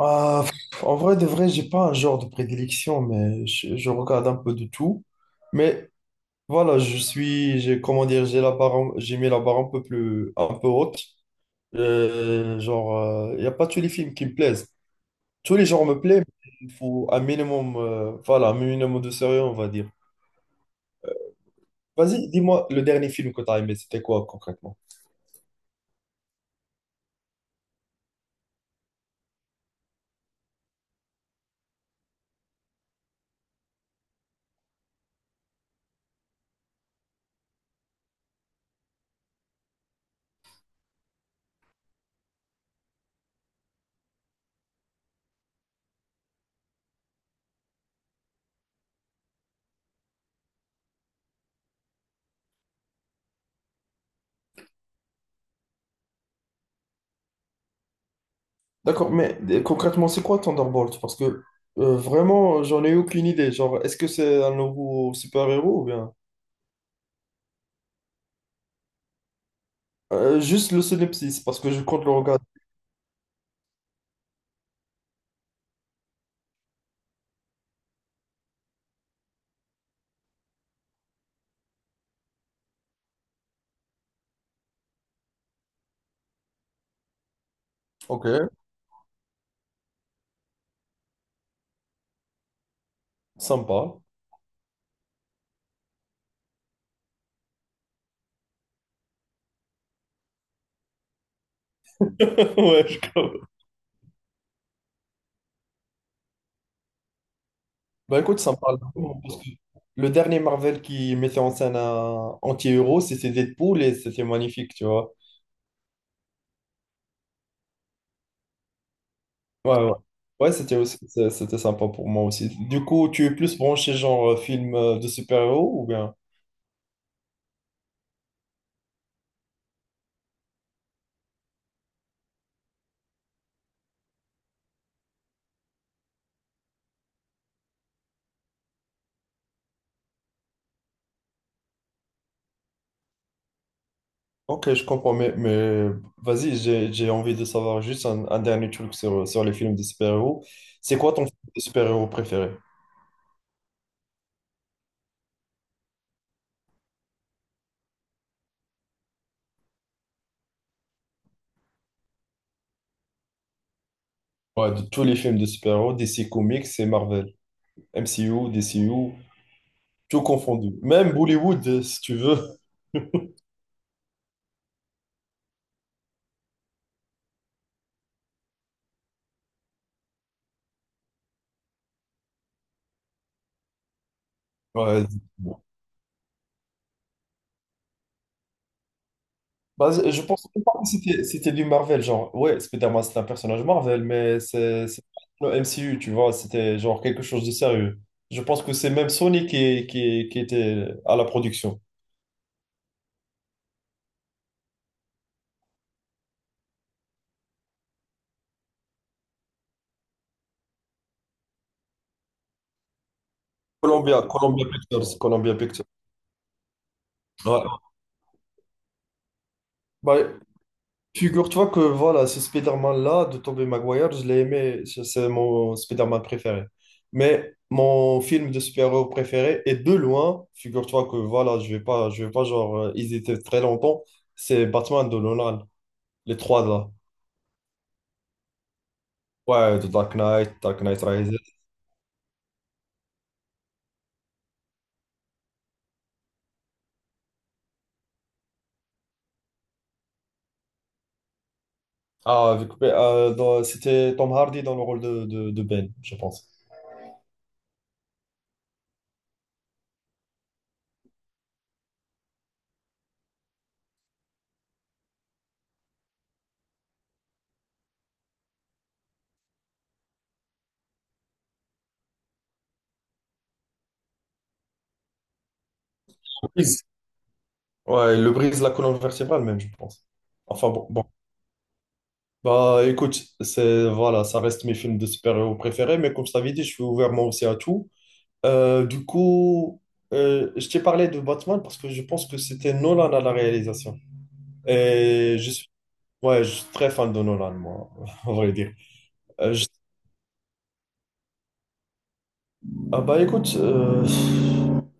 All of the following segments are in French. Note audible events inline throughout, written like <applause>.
Ah, pff, en vrai de vrai, j'ai pas un genre de prédilection, mais je regarde un peu de tout. Mais voilà, je suis, j'ai, comment dire, j'ai la barre, j'ai mis la barre un peu plus, un peu haute. Genre, il n'y a pas tous les films qui me plaisent. Tous les genres me plaisent, mais il faut un minimum, voilà, un minimum de sérieux, on va dire. Vas-y, dis-moi, le dernier film que tu as aimé, c'était quoi concrètement? D'accord, mais concrètement, c'est quoi Thunderbolt? Parce que vraiment, j'en ai aucune idée. Genre, est-ce que c'est un nouveau super-héros ou bien... Juste le synopsis, parce que je compte le regarder. Ok, sympa. <laughs> Ouais, je comprends. Bah écoute, ça me parle beaucoup, parce que le dernier Marvel qui mettait en scène un anti-héros, c'était Deadpool et c'était magnifique, tu vois. Ouais, ouais. Ouais, c'était aussi, c'était sympa pour moi aussi. Du coup, tu es plus branché genre film de super-héros ou bien? Ok, je comprends, mais vas-y, j'ai envie de savoir juste un dernier truc sur les films de super-héros. C'est quoi ton film de super-héros préféré? Ouais, de tous les films de super-héros, DC Comics et Marvel. MCU, DCU, tout confondu. Même Bollywood, si tu veux. Ouais. Bah, je pense même pas que c'était du Marvel, genre, ouais, Spider-Man, c'est un personnage Marvel, mais c'est pas le MCU, tu vois, c'était genre quelque chose de sérieux. Je pense que c'est même Sony qui était à la production. Columbia, Columbia Pictures, Columbia Pictures. Ouais. Bah, figure-toi que voilà, ce Spider-Man-là de Tobey Maguire, je l'ai aimé, c'est mon Spider-Man préféré. Mais mon film de super-héros préféré est de loin, figure-toi que voilà, je vais pas genre hésiter très longtemps, c'est Batman de Nolan, les trois là. Ouais, The Dark Knight, Dark Knight Rises. Ah, avec, c'était Tom Hardy dans le rôle de Ben, je pense. Brise. Ouais, il le brise la colonne vertébrale même, je pense. Enfin bon, bon. Bah écoute, c'est voilà, ça reste mes films de super-héros préférés, mais comme je t'avais dit, je suis ouvert moi aussi à tout. Du coup, je t'ai parlé de Batman parce que je pense que c'était Nolan à la réalisation. Et je suis, ouais, je suis très fan de Nolan, moi, <laughs> on va dire. Euh, je- ah bah écoute,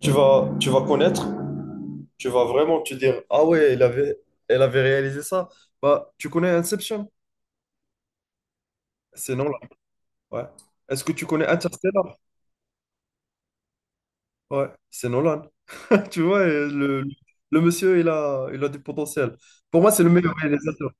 tu vas connaître, tu vas vraiment te dire, ah ouais, elle avait réalisé ça. Bah, tu connais Inception? C'est Nolan, ouais. Est-ce que tu connais Interstellar? Ouais, c'est Nolan. <laughs> Tu vois, et le monsieur, il a du potentiel. Pour moi, c'est le meilleur réalisateur.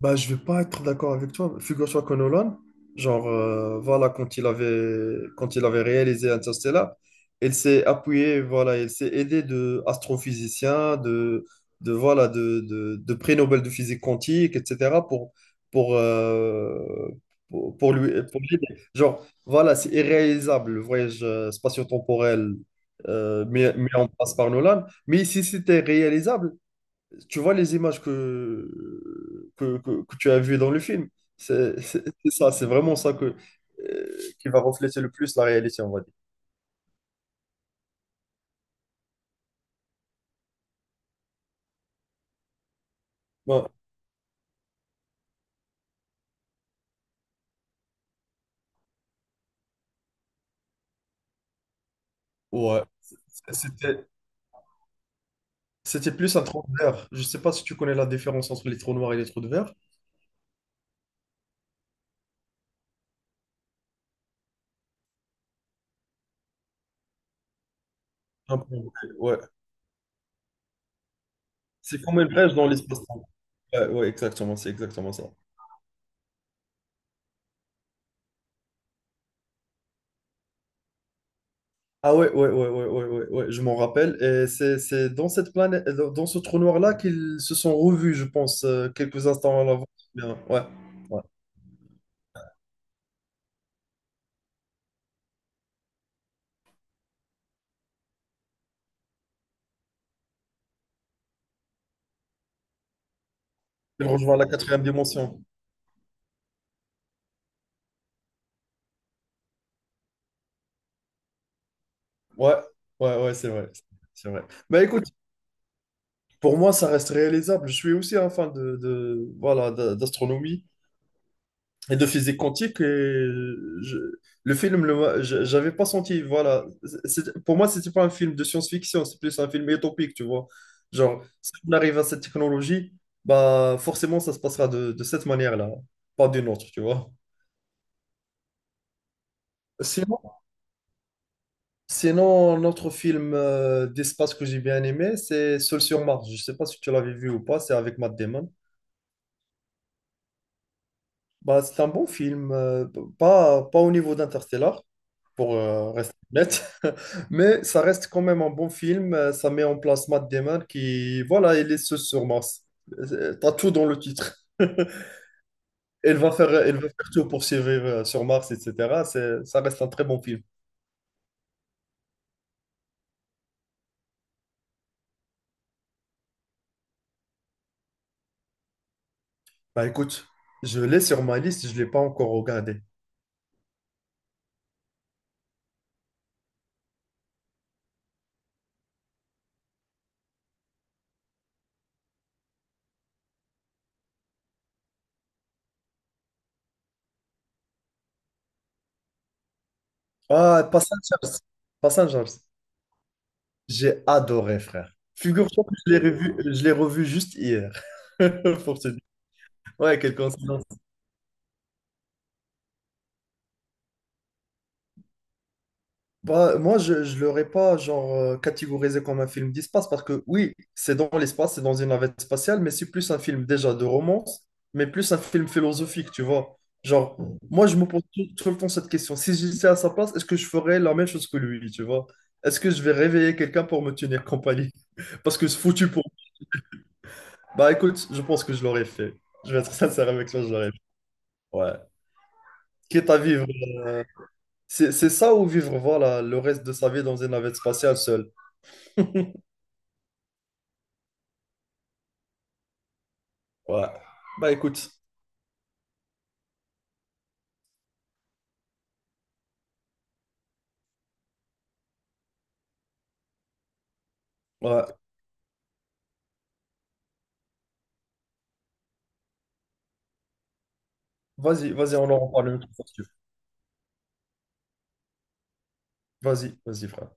Bah, je vais pas être d'accord avec toi. Figure-toi que Nolan, genre, voilà, quand il avait réalisé Interstellar, il s'est appuyé, voilà, il s'est aidé de astrophysiciens, voilà, de prix Nobel de physique quantique, etc., pour, euh, pour lui, pour l'aider. Genre, voilà, c'est irréalisable, le voyage spatio-temporel mis en place par Nolan. Mais si c'était réalisable, tu vois les images que tu as vues dans le film. C'est ça, c'est vraiment ça que, qui va refléter le plus la réalité, on va dire. Bon, ouais, c'était, c'était plus un trou de verre. Je sais pas si tu connais la différence entre les trous noirs et les trous de verre. Un peu, ouais. C'est comme une brèche dans l'espace-temps. Ouais, ouais, exactement, c'est exactement ça. Ah ouais, ouais, ouais, ouais, ouais, ouais, ouais, je m'en rappelle. Et c'est dans cette planète, dans ce trou noir-là qu'ils se sont revus, je pense, quelques instants avant. Bien, ouais. C'est rejoindre la quatrième dimension. Ouais, ouais, ouais, c'est vrai. C'est vrai. Bah écoute, pour moi, ça reste réalisable. Je suis aussi un fan voilà, d'astronomie et de physique quantique. Et je- le film, le m'a- je- j'avais pas senti. Voilà. Pour moi, c'était pas un film de science-fiction, c'est plus un film utopique, tu vois. Genre, si on arrive à cette technologie, bah forcément, ça se passera de cette manière-là, pas d'une autre, tu vois. Sinon, Sinon, un autre film d'espace que j'ai bien aimé, c'est Seul sur Mars. Je ne sais pas si tu l'avais vu ou pas, c'est avec Matt Damon. Bah, c'est un bon film, pas au niveau d'Interstellar, pour rester honnête, <laughs> mais ça reste quand même un bon film. Ça met en place Matt Damon qui, voilà, il est seul sur Mars. T'as tout dans le titre. <laughs> Elle va faire tout pour survivre sur Mars, etc. Ça reste un très bon film. Bah écoute, je l'ai sur ma liste, je ne l'ai pas encore regardé. Ah, Passengers. Passengers. J'ai adoré, frère. Figure-toi que je l'ai revu juste hier. <laughs> Pour te dire. Ouais, quelle coïncidence. Bah, moi, je ne l'aurais pas genre catégorisé comme un film d'espace parce que oui, c'est dans l'espace, c'est dans une navette spatiale, mais c'est plus un film déjà de romance, mais plus un film philosophique, tu vois. Genre, moi, je me pose tout le temps cette question. Si j'étais à sa place, est-ce que je ferais la même chose que lui, tu vois? Est-ce que je vais réveiller quelqu'un pour me tenir compagnie? Parce que c'est foutu pour bah écoute, je pense que je l'aurais fait. Je vais être <laughs> sincère avec toi, je l'aurais fait. Ouais. Quitte à vivre. euh, C'est ça ou vivre, voilà, le reste de sa vie dans une navette spatiale seule. Ouais. Bah écoute, ouais. Vas-y, vas-y, on en reparle une autre fois si tu veux. Vas-y, vas-y, frère.